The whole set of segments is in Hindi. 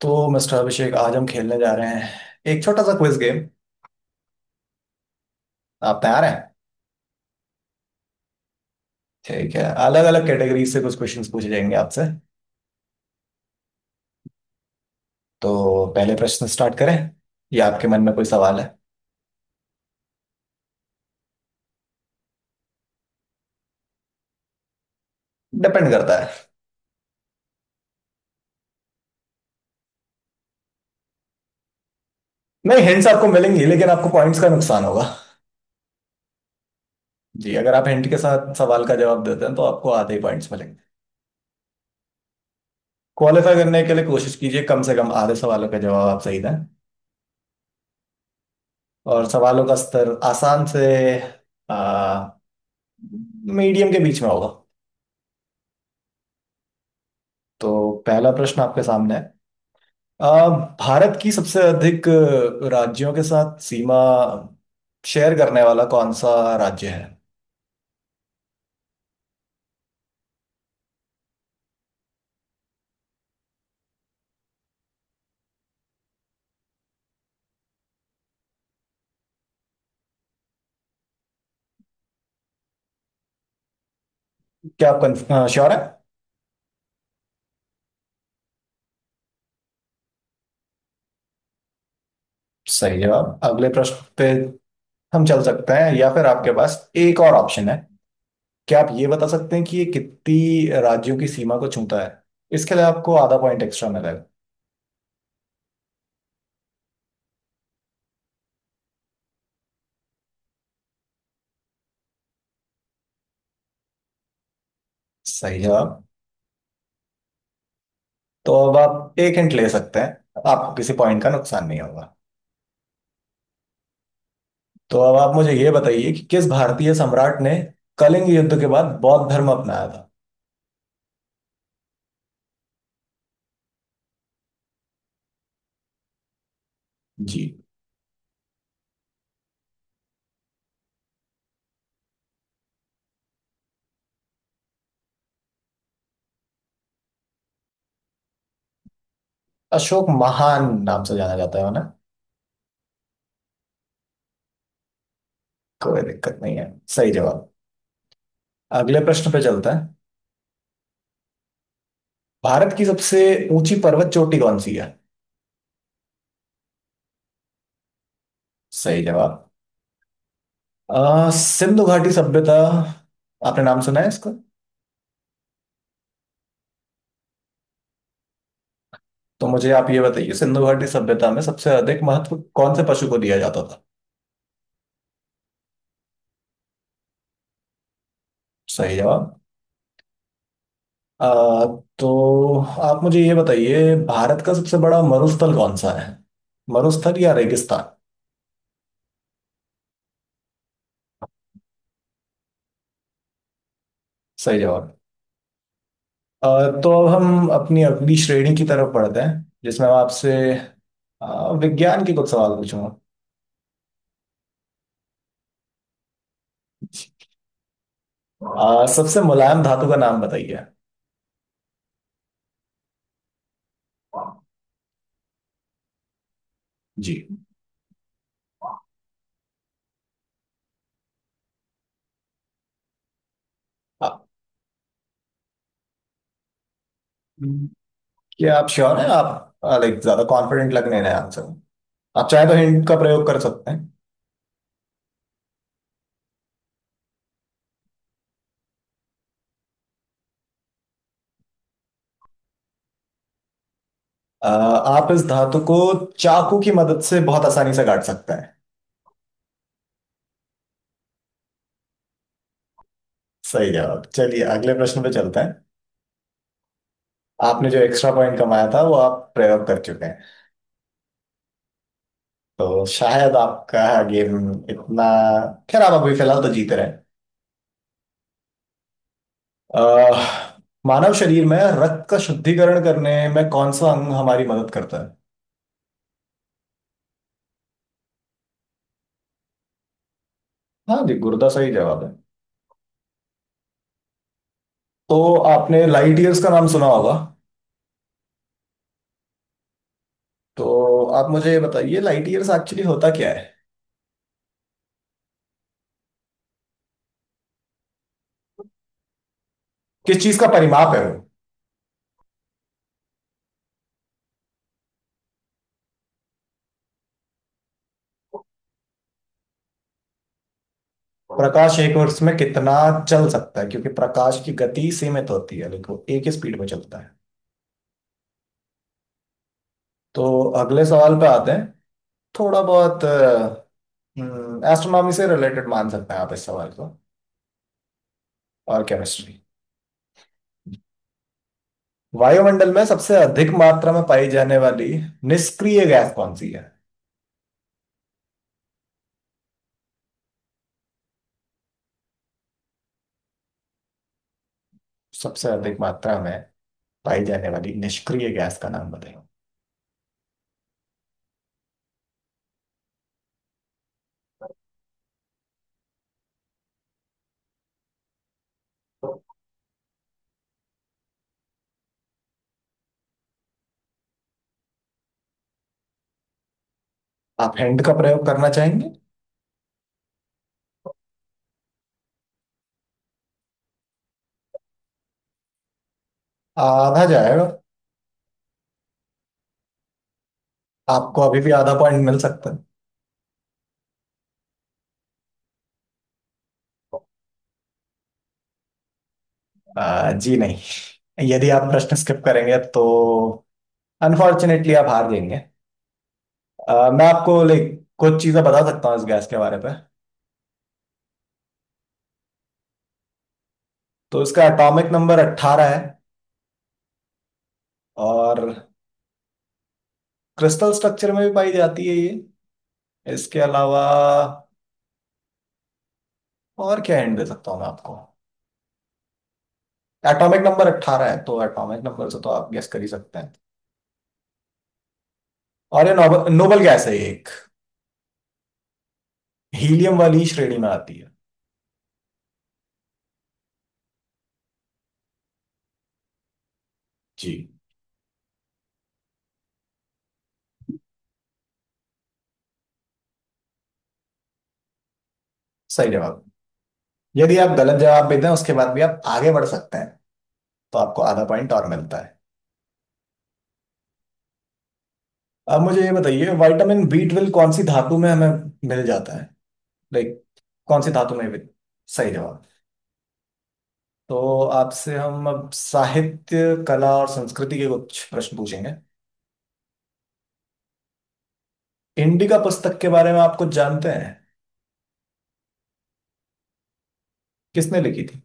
तो मिस्टर अभिषेक आज हम खेलने जा रहे हैं एक छोटा सा क्विज गेम। आप तैयार हैं? ठीक है, अलग अलग कैटेगरी से कुछ क्वेश्चंस पूछे जाएंगे आपसे। तो पहले प्रश्न स्टार्ट करें या आपके मन में कोई सवाल है? डिपेंड करता है। नहीं, हिंट्स आपको मिलेंगी लेकिन आपको पॉइंट्स का नुकसान होगा। जी, अगर आप हिंट के साथ सवाल का जवाब देते हैं तो आपको आधे ही पॉइंट्स मिलेंगे। क्वालिफाई करने के लिए कोशिश कीजिए कम से कम आधे सवालों का जवाब आप सही दें। और सवालों का स्तर आसान से आ, मीडियम के बीच में होगा। तो पहला प्रश्न आपके सामने है। आ, भारत की सबसे अधिक राज्यों के साथ सीमा शेयर करने वाला कौन सा राज्य है? क्या आप श्योर है? सही जवाब। अगले प्रश्न पे हम चल सकते हैं या फिर आपके पास एक और ऑप्शन है। क्या आप ये बता सकते हैं कि ये कितनी राज्यों की सीमा को छूता है? इसके लिए आपको आधा पॉइंट एक्स्ट्रा मिलेगा। सही जवाब। तो अब आप एक हिंट ले सकते हैं, आपको किसी पॉइंट का नुकसान नहीं होगा। तो अब आप मुझे ये बताइए कि किस भारतीय सम्राट ने कलिंग युद्ध के बाद बौद्ध धर्म अपनाया था? जी, अशोक महान नाम से जाना जाता है ना। कोई दिक्कत नहीं है। सही जवाब। अगले प्रश्न पे चलता है। भारत की सबसे ऊंची पर्वत चोटी कौन सी है? सही जवाब। सिंधु घाटी सभ्यता, आपने नाम सुना है इसका? तो मुझे आप ये बताइए, सिंधु घाटी सभ्यता में सबसे अधिक महत्व कौन से पशु को दिया जाता था? सही जवाब। अ, तो आप मुझे ये बताइए, भारत का सबसे बड़ा मरुस्थल कौन सा है? मरुस्थल या रेगिस्तान। सही जवाब। अ, तो अब हम अपनी अगली श्रेणी की तरफ बढ़ते हैं जिसमें मैं आपसे विज्ञान के कुछ सवाल पूछूंगा। सबसे मुलायम धातु का नाम बताइए। जी। अ, क्या आप श्योर हैं आप? लाइक ज्यादा कॉन्फिडेंट लगने रहे आंसर में। आप चाहे तो हिंट का प्रयोग कर सकते हैं। आप इस धातु को चाकू की मदद से बहुत आसानी से काट सकते हैं। सही जवाब। चलिए अगले प्रश्न पे चलते हैं। आपने जो एक्स्ट्रा पॉइंट कमाया था वो आप प्रयोग कर चुके हैं। तो शायद आपका गेम इतना, खैर, आप अभी फिलहाल तो जीते रहे हैं। अह, मानव शरीर में रक्त का शुद्धिकरण करने में कौन सा अंग हमारी मदद करता है? हाँ जी, गुर्दा सही जवाब है। तो आपने लाइट ईयर्स का नाम सुना होगा। तो आप मुझे ये बताइए, लाइट ईयर्स एक्चुअली होता क्या है? किस चीज का परिमाप है? वो प्रकाश एक वर्ष में कितना चल सकता है, क्योंकि प्रकाश की गति सीमित होती है लेकिन वो एक ही स्पीड में चलता है। तो अगले सवाल पे आते हैं। थोड़ा बहुत एस्ट्रोनॉमी से रिलेटेड मान सकते हैं आप इस सवाल को, और केमिस्ट्री। वायुमंडल में सबसे अधिक मात्रा में पाई जाने वाली निष्क्रिय गैस कौन सी है? सबसे अधिक मात्रा में पाई जाने वाली निष्क्रिय गैस का नाम बताइए। आप हैंड का प्रयोग करना चाहेंगे? आधा जाएगा। आपको अभी भी आधा पॉइंट मिल सकता है। जी नहीं, यदि आप प्रश्न स्किप करेंगे तो अनफॉर्चुनेटली आप हार जाएंगे। मैं आपको लाइक कुछ चीजें बता सकता हूँ इस गैस के बारे में। तो इसका एटॉमिक नंबर 18 है, और क्रिस्टल स्ट्रक्चर में भी पाई जाती है ये। इसके अलावा और क्या हिंट दे सकता हूँ मैं आपको? एटॉमिक नंबर 18 है, तो एटॉमिक नंबर से तो आप गेस कर ही सकते हैं। और ये नोबल नोबल गैस है ये एक, हीलियम वाली श्रेणी में आती है। जी, सही जवाब। यदि आप गलत जवाब देते हैं उसके बाद भी आप आगे बढ़ सकते हैं, तो आपको आधा पॉइंट और मिलता है। अब मुझे ये बताइए, विटामिन बी ट्वेल्व कौन सी धातु में हमें मिल जाता है? लाइक कौन सी धातु में भी-, सही जवाब। तो आपसे हम अब साहित्य कला और संस्कृति के कुछ प्रश्न पूछेंगे। इंडिका पुस्तक के बारे में आप कुछ जानते हैं? किसने लिखी थी?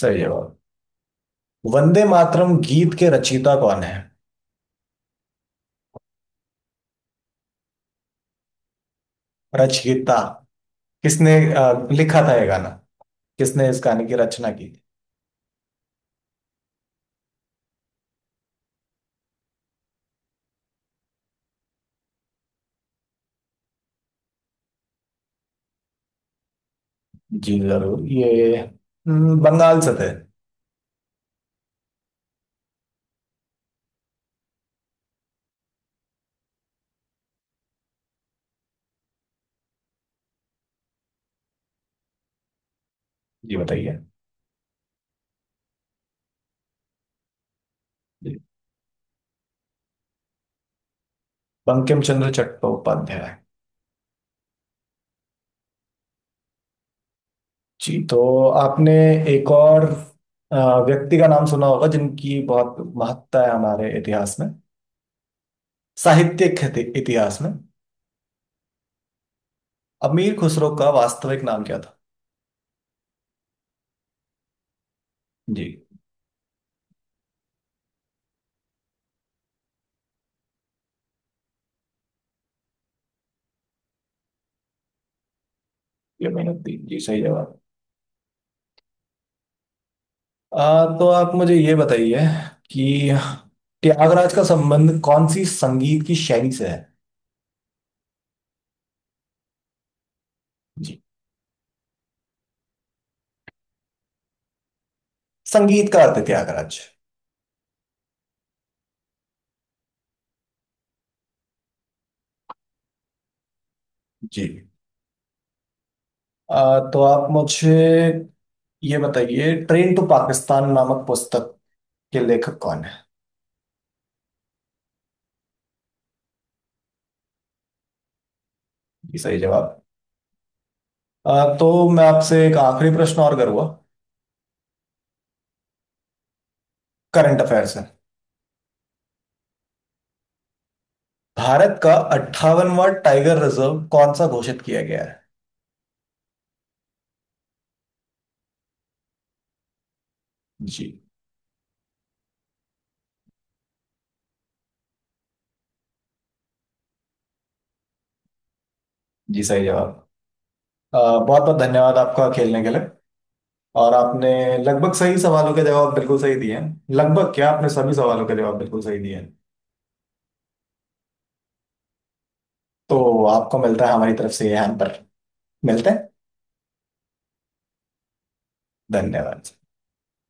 सही जवाब। वंदे मातरम गीत के रचयिता कौन है? रचयिता, किसने लिखा था ये गाना? किसने इस गाने की रचना की थी? जी जरूर। ये बंगाल से थे। जी बताइए। जी, बंकिम चंद्र चट्टोपाध्याय। जी, तो आपने एक और अ, व्यक्ति का नाम सुना होगा जिनकी बहुत महत्ता है हमारे इतिहास में, साहित्यिक इतिहास में। अमीर खुसरो का वास्तविक नाम क्या था? जी। ये मेहनत थी जी, सही जवाब। अ, तो आप मुझे ये बताइए कि त्यागराज का संबंध कौन सी संगीत की शैली से है? जी, संगीत का अर्थ है त्यागराज। जी। तो आप मुझे ये बताइए, ट्रेन टू पाकिस्तान नामक पुस्तक के लेखक कौन है? जी सही जवाब। तो मैं आपसे एक आखिरी प्रश्न और करूंगा, करंट अफेयर से। भारत का 58वां टाइगर रिजर्व कौन सा घोषित किया गया है? जी। जी सही जवाब। बहुत बहुत धन्यवाद आपका खेलने के लिए। और आपने लगभग सही सवालों के जवाब बिल्कुल सही दिए हैं, लगभग क्या, आपने सभी सवालों के जवाब बिल्कुल सही दिए हैं। तो आपको मिलता है हमारी तरफ से ये हैम्पर। मिलते हैं। धन्यवाद।